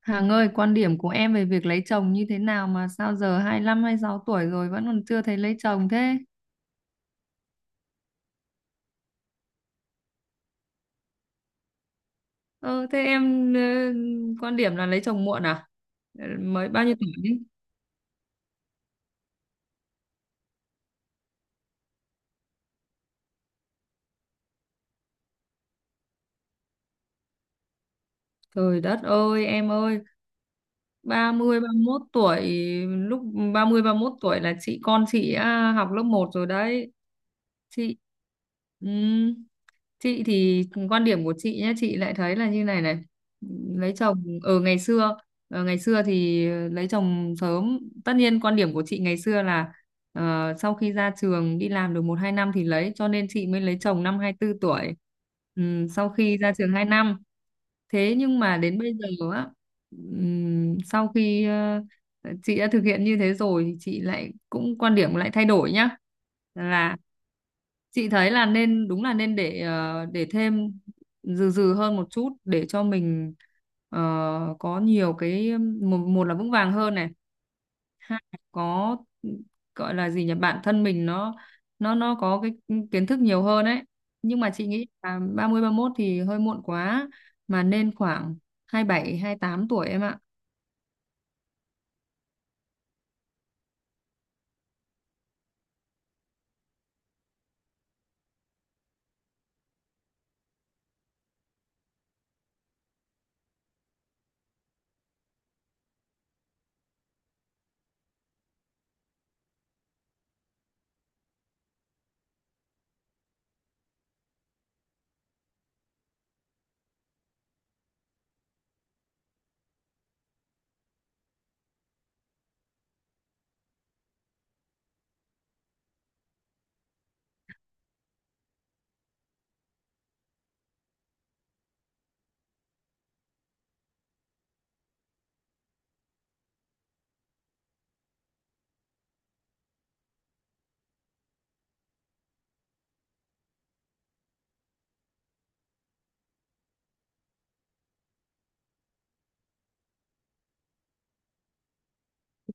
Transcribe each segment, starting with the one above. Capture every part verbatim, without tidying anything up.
Hằng ơi, quan điểm của em về việc lấy chồng như thế nào mà sao giờ hai lăm hai sáu tuổi rồi vẫn còn chưa thấy lấy chồng thế? Ừ, thế em ờ, quan điểm là lấy chồng muộn à? Ờ, mới bao nhiêu tuổi đi? Trời đất ơi, em ơi, ba mươi ba mốt tuổi, lúc ba mươi ba mốt tuổi là chị con chị à, học lớp một rồi đấy. chị ừm, chị thì quan điểm của chị nhé, chị lại thấy là như này này, lấy chồng ở ngày xưa, ờ, ngày xưa thì lấy chồng sớm. Tất nhiên quan điểm của chị ngày xưa là, ờ, sau khi ra trường đi làm được một hai năm thì lấy, cho nên chị mới lấy chồng năm 24 tuổi. Ừm, sau khi ra trường hai năm, thế nhưng mà đến bây giờ á, ừm, sau khi ờ, chị đã thực hiện như thế rồi thì chị lại cũng quan điểm lại thay đổi nhá, là chị thấy là nên, đúng là nên để ờ, để thêm dừ dừ hơn một chút để cho mình, ờ, có nhiều cái, một, một là vững vàng hơn này, ha, có gọi là gì nhỉ, bản thân mình nó nó nó có cái kiến thức nhiều hơn ấy. Nhưng mà chị nghĩ là ba mươi ba mốt thì hơi muộn quá, mà nên khoảng hai bảy hai tám tuổi em ạ.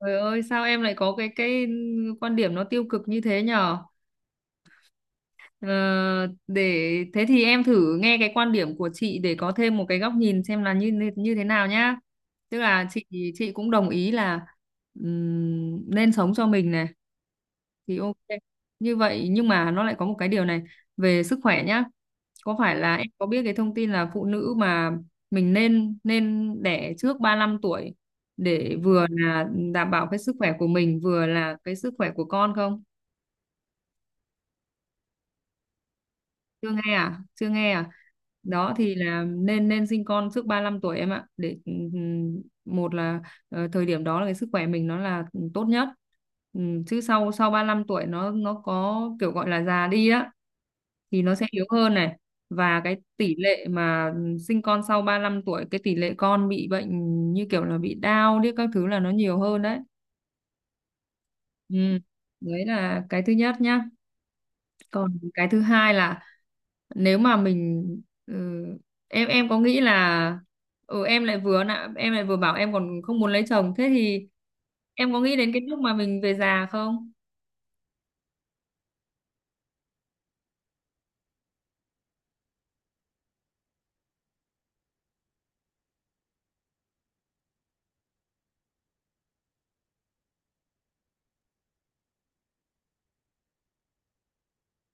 Trời ơi sao em lại có cái cái quan điểm nó tiêu cực như thế nhở? Ờ, để thế thì em thử nghe cái quan điểm của chị để có thêm một cái góc nhìn xem là như như như thế nào nhá. Tức là chị chị cũng đồng ý là, ừm, nên sống cho mình này thì ok như vậy, nhưng mà nó lại có một cái điều này về sức khỏe nhá, có phải là em có biết cái thông tin là phụ nữ mà mình nên nên đẻ trước 35 tuổi để vừa là đảm bảo cái sức khỏe của mình, vừa là cái sức khỏe của con không? Chưa nghe à? Chưa nghe à? Đó thì là nên nên sinh con trước 35 tuổi em ạ, để ừm, một là ờ, thời điểm đó là cái sức khỏe mình nó là tốt nhất. Ừm, chứ sau sau 35 tuổi nó nó có kiểu gọi là già đi á, thì nó sẽ yếu hơn này, và cái tỷ lệ mà sinh con sau 35 tuổi cái tỷ lệ con bị bệnh như kiểu là bị đau đi các thứ là nó nhiều hơn đấy. Ừ. Đấy là cái thứ nhất nhá, còn cái thứ hai là nếu mà mình, ừ, em em có nghĩ là, ừ, em lại vừa nạ em lại vừa bảo em còn không muốn lấy chồng thế thì em có nghĩ đến cái lúc mà mình về già không?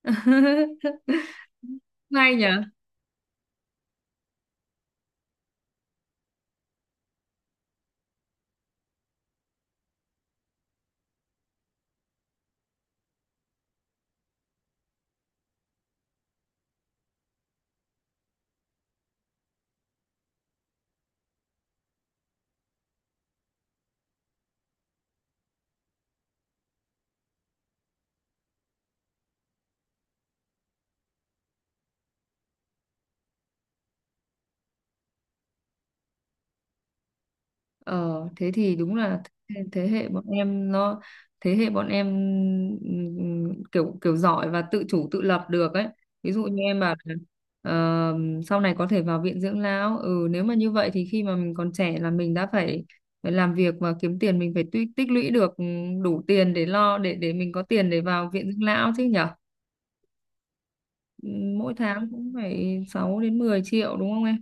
Hay nhỉ. Ờ, thế thì đúng là, thế thế hệ bọn em nó, thế hệ bọn em, ừm, kiểu kiểu giỏi và tự chủ tự lập được ấy. Ví dụ như em bảo là, ờ, sau này có thể vào viện dưỡng lão. Ừ nếu mà như vậy thì khi mà mình còn trẻ là mình đã phải phải làm việc và kiếm tiền, mình phải tích tích lũy được ừm, đủ tiền để lo, để để mình có tiền để vào viện dưỡng lão chứ nhở. Ừm, Mỗi tháng cũng phải sáu đến mười triệu đúng không em?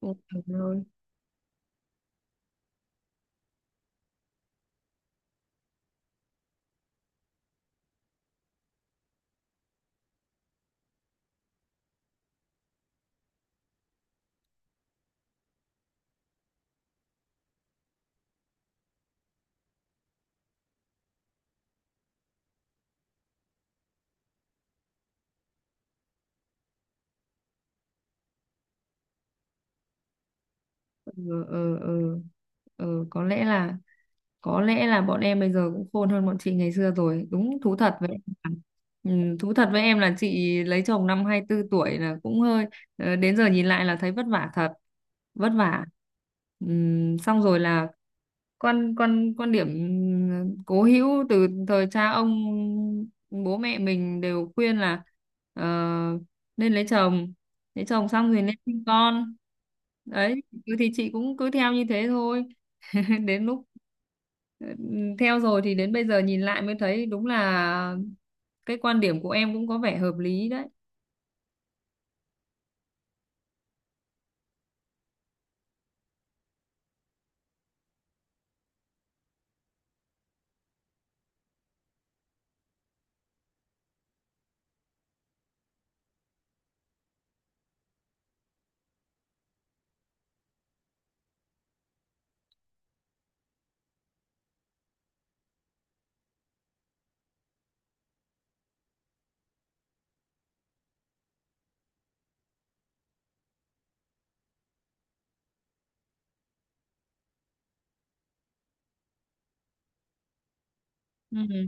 Ôi trời ơi. Ừ, ừ, ừ. Ừ, có lẽ là, có lẽ là bọn em bây giờ cũng khôn hơn bọn chị ngày xưa rồi. Đúng thú thật với em. Là- ừ, thú thật với em là chị lấy chồng năm 24 tuổi là cũng hơi ờ, đến giờ nhìn lại là thấy vất vả thật, vất vả. Ừm, xong rồi là quan quan quan điểm cố hữu từ thời cha ông, bố mẹ mình đều khuyên là, ờ, nên lấy chồng, lấy chồng xong thì nên sinh con. Đấy cứ thì chị cũng cứ theo như thế thôi. Đến lúc, ừ, theo rồi thì đến bây giờ nhìn lại mới thấy đúng là cái quan điểm của em cũng có vẻ hợp lý đấy. Ừ.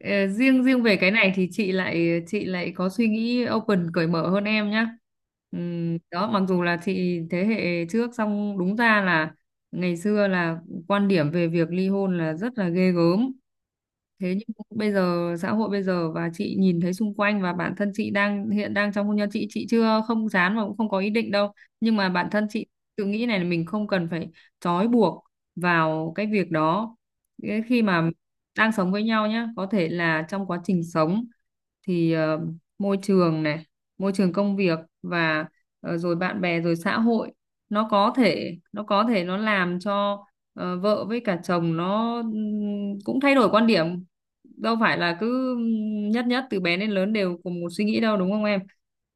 Ờ, riêng riêng về cái này thì chị lại chị lại có suy nghĩ open cởi mở hơn em nhá. Ừm, đó mặc dù là chị thế hệ trước xong đúng ra là ngày xưa là quan điểm về việc ly hôn là rất là ghê gớm, thế nhưng mà bây giờ xã hội bây giờ và chị nhìn thấy xung quanh và bản thân chị đang hiện đang trong hôn nhân, chị chị chưa không dám và cũng không có ý định đâu, nhưng mà bản thân chị tự nghĩ này là mình không cần phải trói buộc vào cái việc đó. Cái khi mà đang sống với nhau nhá, có thể là trong quá trình sống thì ờ, môi trường này, môi trường công việc và ờ, rồi bạn bè rồi xã hội, nó có thể nó có thể nó làm cho ờ, vợ với cả chồng nó, ừm, cũng thay đổi quan điểm. Đâu phải là cứ nhất nhất từ bé đến lớn đều cùng một suy nghĩ đâu đúng không em?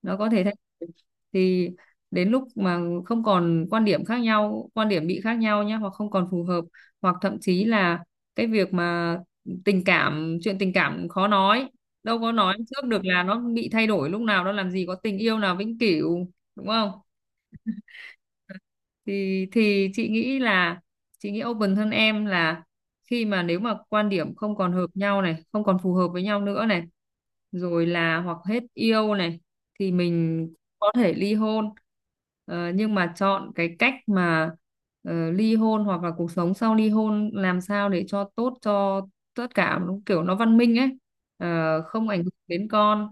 Nó có thể thay đổi. Thì đến lúc mà không còn quan điểm khác nhau, quan điểm bị khác nhau nhé, hoặc không còn phù hợp hoặc thậm chí là cái việc mà tình cảm, chuyện tình cảm khó nói, đâu có nói trước được là nó bị thay đổi lúc nào đâu, làm gì có tình yêu nào vĩnh cửu đúng không. Thì thì chị nghĩ là chị nghĩ open hơn em là khi mà nếu mà quan điểm không còn hợp nhau này, không còn phù hợp với nhau nữa này, rồi là hoặc hết yêu này thì mình có thể ly hôn. Ờ, nhưng mà chọn cái cách mà ờ, ly hôn hoặc là cuộc sống sau ly hôn làm sao để cho tốt cho tất cả, nó kiểu nó văn minh ấy. Ờ, không ảnh hưởng đến con,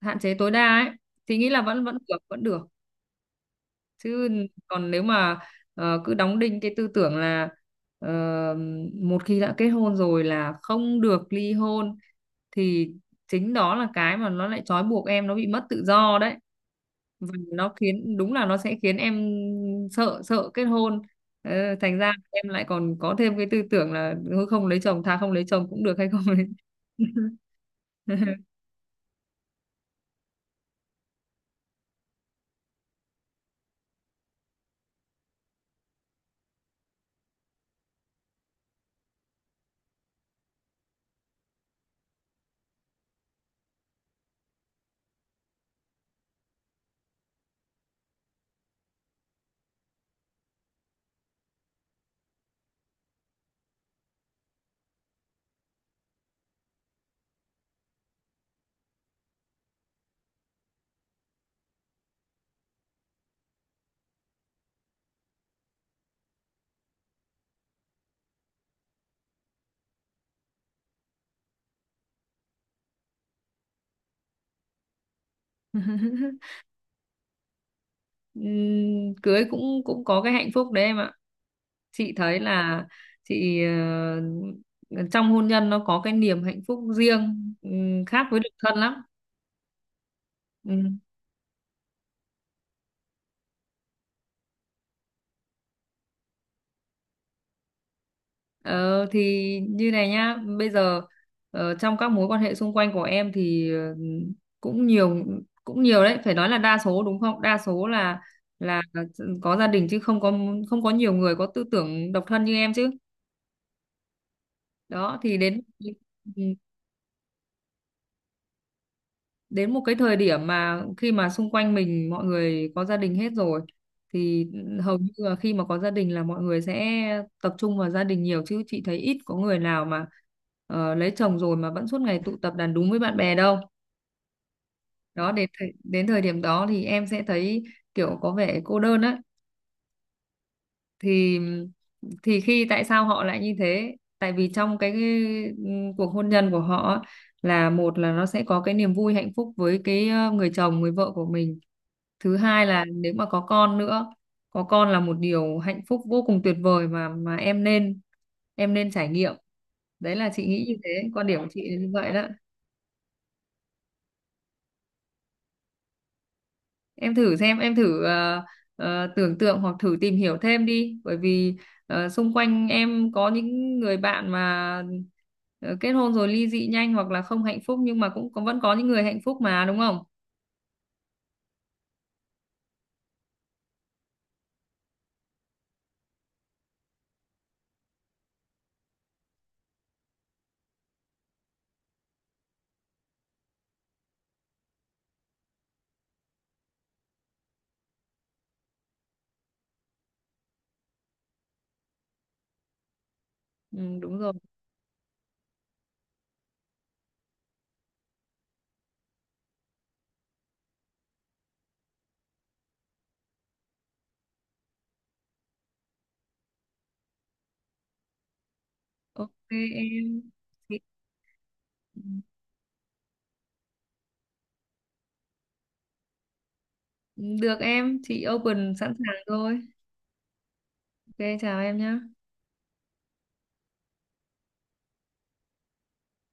hạn chế tối đa ấy thì nghĩ là vẫn vẫn được, vẫn được chứ. Còn nếu mà ờ, cứ đóng đinh cái tư tưởng là, ờ, một khi đã kết hôn rồi là không được ly hôn thì chính đó là cái mà nó lại trói buộc em, nó bị mất tự do đấy, và nó khiến đúng là nó sẽ khiến em sợ sợ kết hôn. Ờ, thành ra em lại còn có thêm cái tư tưởng là thôi không lấy chồng, thà không lấy chồng cũng được hay không lấy. Ừm, cưới cũng cũng có cái hạnh phúc đấy em ạ, chị thấy là chị, ờ, trong hôn nhân nó có cái niềm hạnh phúc riêng, ừm, khác với độc thân lắm. Ừm. Ờ, thì như này nhá, bây giờ ờ, trong các mối quan hệ xung quanh của em thì ờ, cũng nhiều, cũng nhiều đấy phải nói là đa số đúng không, đa số là là có gia đình chứ không có, không có nhiều người có tư tưởng độc thân như em chứ. Đó thì đến, ừ, đến một cái thời điểm mà khi mà xung quanh mình mọi người có gia đình hết rồi thì hầu như là khi mà có gia đình là mọi người sẽ tập trung vào gia đình nhiều chứ chị thấy ít có người nào mà, ờ, lấy chồng rồi mà vẫn suốt ngày tụ tập đàn đúng với bạn bè đâu. Đó đến thời, đến thời điểm đó thì em sẽ thấy kiểu có vẻ cô đơn á. Thì thì khi tại sao họ lại như thế, tại vì trong cái, ừm, cuộc hôn nhân của họ á, là một là nó sẽ có cái niềm vui hạnh phúc với cái, ờ, người chồng người vợ của mình, thứ hai là nếu mà có con nữa, có con là một điều hạnh phúc vô cùng tuyệt vời mà mà em nên, em nên trải nghiệm. Đấy là chị nghĩ như thế, quan điểm của chị là như vậy đó. Em thử xem, em thử ờ, ờ, tưởng tượng hoặc thử tìm hiểu thêm đi, bởi vì ờ, xung quanh em có những người bạn mà ờ, kết hôn rồi ly dị nhanh hoặc là không hạnh phúc nhưng mà cũng vẫn có những người hạnh phúc mà đúng không. Ừ, đúng rồi. Ok em. Chị- ừ, được em, chị open sẵn sàng thôi. Ok, chào em nhé.